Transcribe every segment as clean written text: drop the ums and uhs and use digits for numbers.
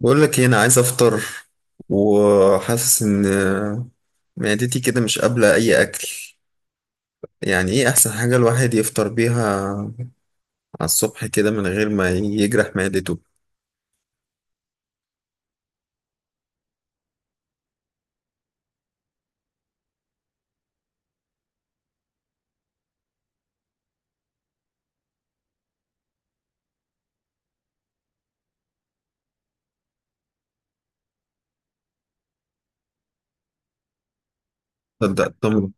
بقول لك هنا عايز افطر وحاسس ان معدتي كده مش قابلة اي اكل. يعني ايه احسن حاجة الواحد يفطر بيها على الصبح كده من غير ما يجرح معدته؟ تبدأ التمر.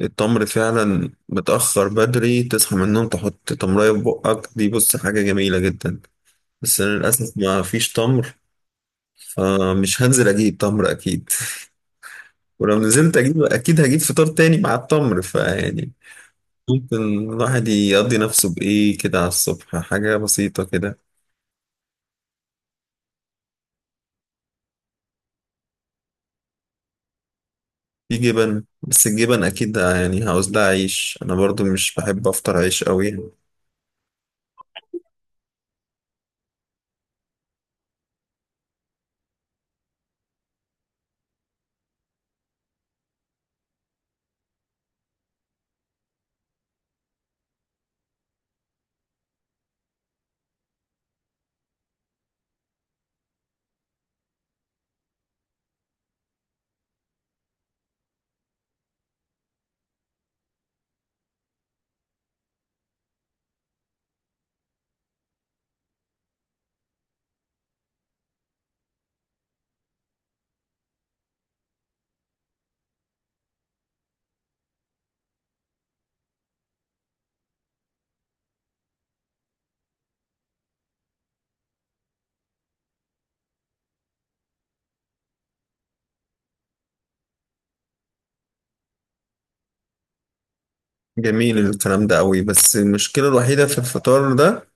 التمر فعلا متأخر، بدري تصحى من النوم تحط تمرية في بقك، دي بص حاجة جميلة جدا. بس انا للاسف ما فيش تمر، فمش هنزل اجيب تمر اكيد. ولو نزلت اجيب اكيد هجيب فطار تاني مع التمر، فيعني ممكن الواحد يقضي نفسه بإيه كده على الصبح، حاجة بسيطة كده. في جبن، بس الجبن أكيد يعني عاوز لها عيش، أنا برضو مش بحب أفطر عيش أوي يعني. جميل الكلام ده أوي، بس المشكلة الوحيدة في الفطار ده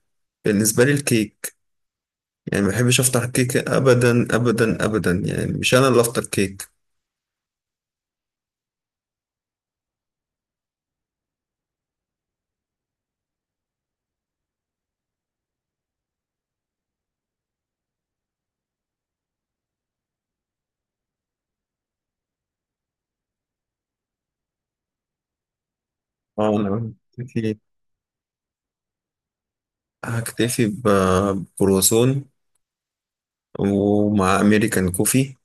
بالنسبة لي الكيك. يعني ما بحبش افطر كيك ابدا ابدا ابدا، يعني مش انا اللي افطر كيك. اه، انا هكتفي هكتفي بكرواسون ومع امريكان كوفي،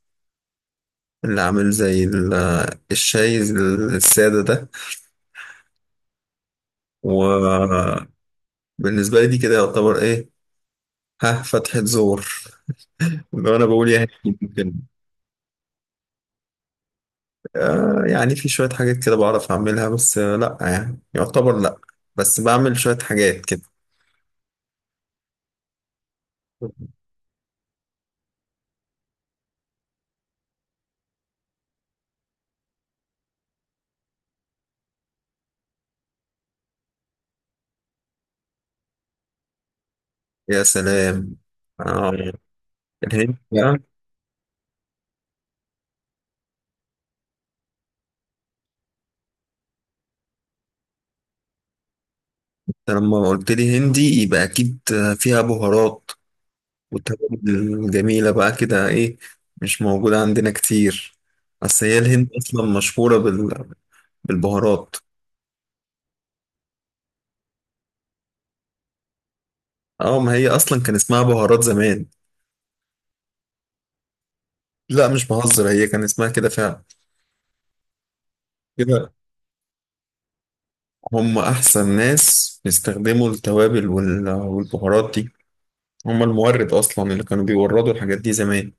اللي عامل زي الشاي السادة ده. وبالنسبة لي دي كده يعتبر ايه؟ ها، فتحة زور، لو انا بقول يعني ممكن. آه، يعني في شوية حاجات كده بعرف اعملها، بس لا يعني يعتبر لا، بس بعمل شوية حاجات كده. يا سلام. آه. الهند. أنت لما قلت لي هندي يبقى اكيد فيها بهارات وتوابل جميله بقى كده ايه، مش موجوده عندنا كتير. اصل هي الهند اصلا مشهوره بال... بالبهارات. اه، ما هي اصلا كان اسمها بهارات زمان. لا مش بهزر، هي كان اسمها كده فعلا. كده هم احسن ناس بيستخدموا التوابل وال... والبهارات دي. هم المورد اصلا اللي كانوا بيوردوا الحاجات دي زمان.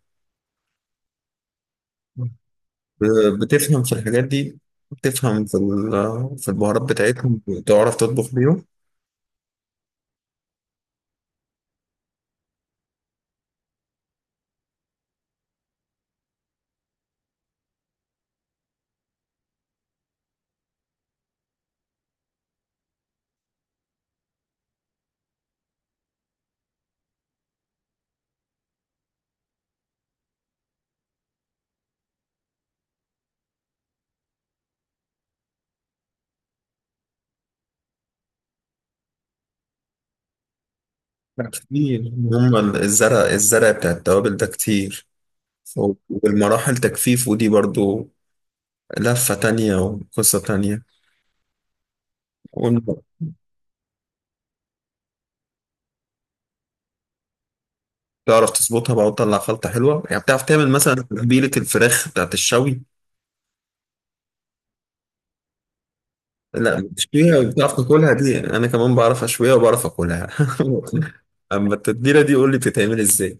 بتفهم في الحاجات دي، بتفهم في في البهارات بتاعتهم، بتعرف تطبخ بيهم. لا كتير، هم الزرع، الزرع بتاع التوابل ده كتير. والمراحل تجفيف ودي برضو لفة تانية وقصة تانية. وإن تعرف تظبطها بقى وتطلع خلطة حلوة، يعني بتعرف تعمل مثلا تتبيلة الفراخ بتاعت الشوي. لا بتشويها، بتعرف تاكلها؟ دي أنا كمان بعرف أشويها وبعرف أكلها. أما التتبيلة دي قول لي بتتعمل إزاي.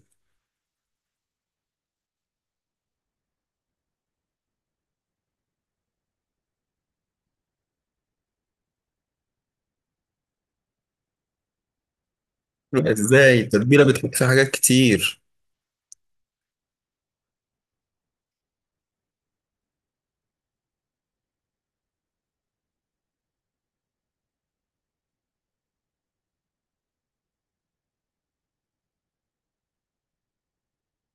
ازاي التتبيله بتحط فيها حاجات كتير؟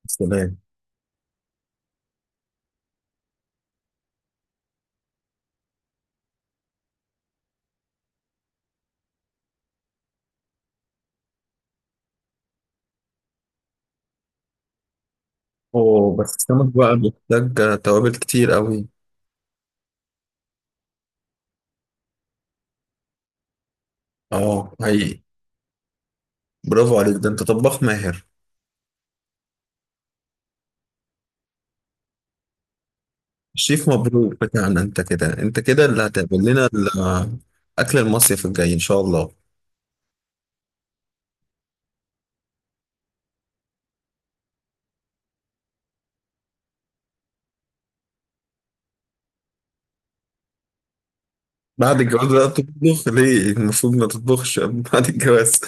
سلام. اوه، بس السمك بقى محتاج توابل كتير قوي. اه حقيقي. برافو عليك، ده انت طباخ ماهر. شيف مبروك بتاعنا، انت كده، انت كده اللي هتعمل لنا اكل المصيف الجاي ان شاء الله. بعد الجواز بقى بتطبخ ليه؟ المفروض ما تطبخش بعد الجواز.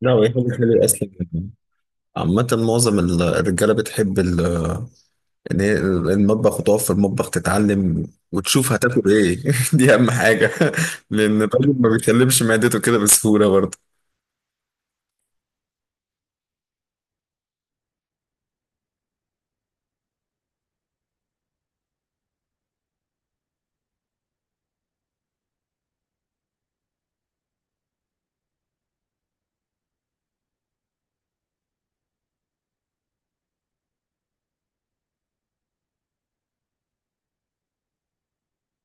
لا، وهي حاجة حلوة أصلا. عامة معظم الرجالة بتحب ان هي المطبخ، وتقف في المطبخ تتعلم وتشوف هتاكل ايه. دي اهم حاجه. لان الراجل ما بيكلمش معدته كده بسهوله برضه.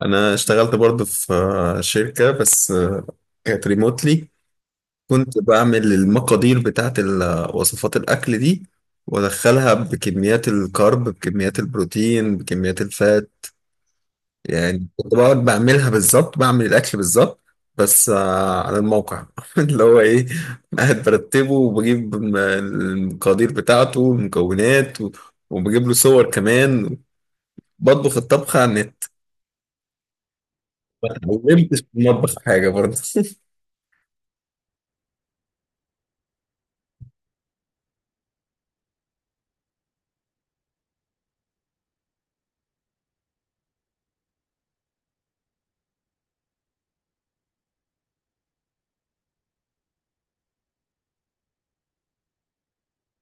انا اشتغلت برضه في شركه، بس كانت ريموتلي. كنت بعمل المقادير بتاعت وصفات الاكل دي، وادخلها بكميات الكارب، بكميات البروتين، بكميات الفات. يعني كنت بقعد بعملها بالظبط، بعمل الأكل بالظبط. بس على الموقع. اللي هو إيه، قاعد برتبه وبجيب المقادير بتاعته والمكونات وبجيب له صور كمان، بطبخ الطبخة على النت. ما اتعلمتش في المطبخ حاجة برضه.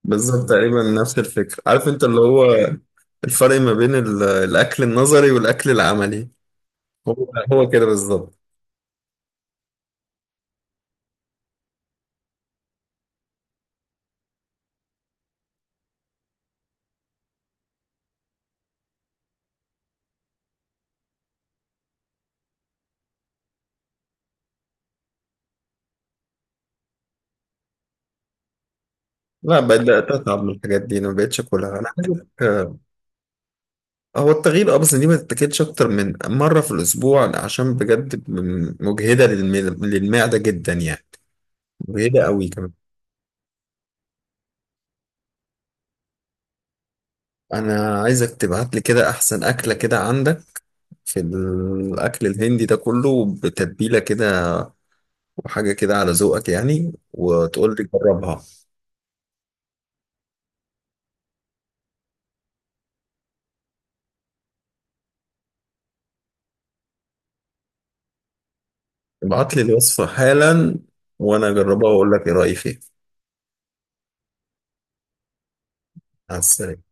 بالظبط تقريبا نفس الفكرة، عارف انت اللي هو الفرق ما بين الأكل النظري والأكل العملي. هو هو كده بالظبط. لا بدأت أتعب من الحاجات دي، أنا ما بقتش أكلها. أنا عايزك. هو التغيير اه، بس دي ما تتاكلش اكتر من مره في الاسبوع، عشان بجد مجهده للمعده جدا يعني، مجهده قوي كمان. انا عايزك تبعت لي كده احسن اكله كده عندك في الاكل الهندي ده كله بتتبيله كده، وحاجه كده على ذوقك يعني، وتقول لي جربها. ابعت لي الوصفه حالا وانا اجربها واقول لك ايه رايي فيها. على السلامه.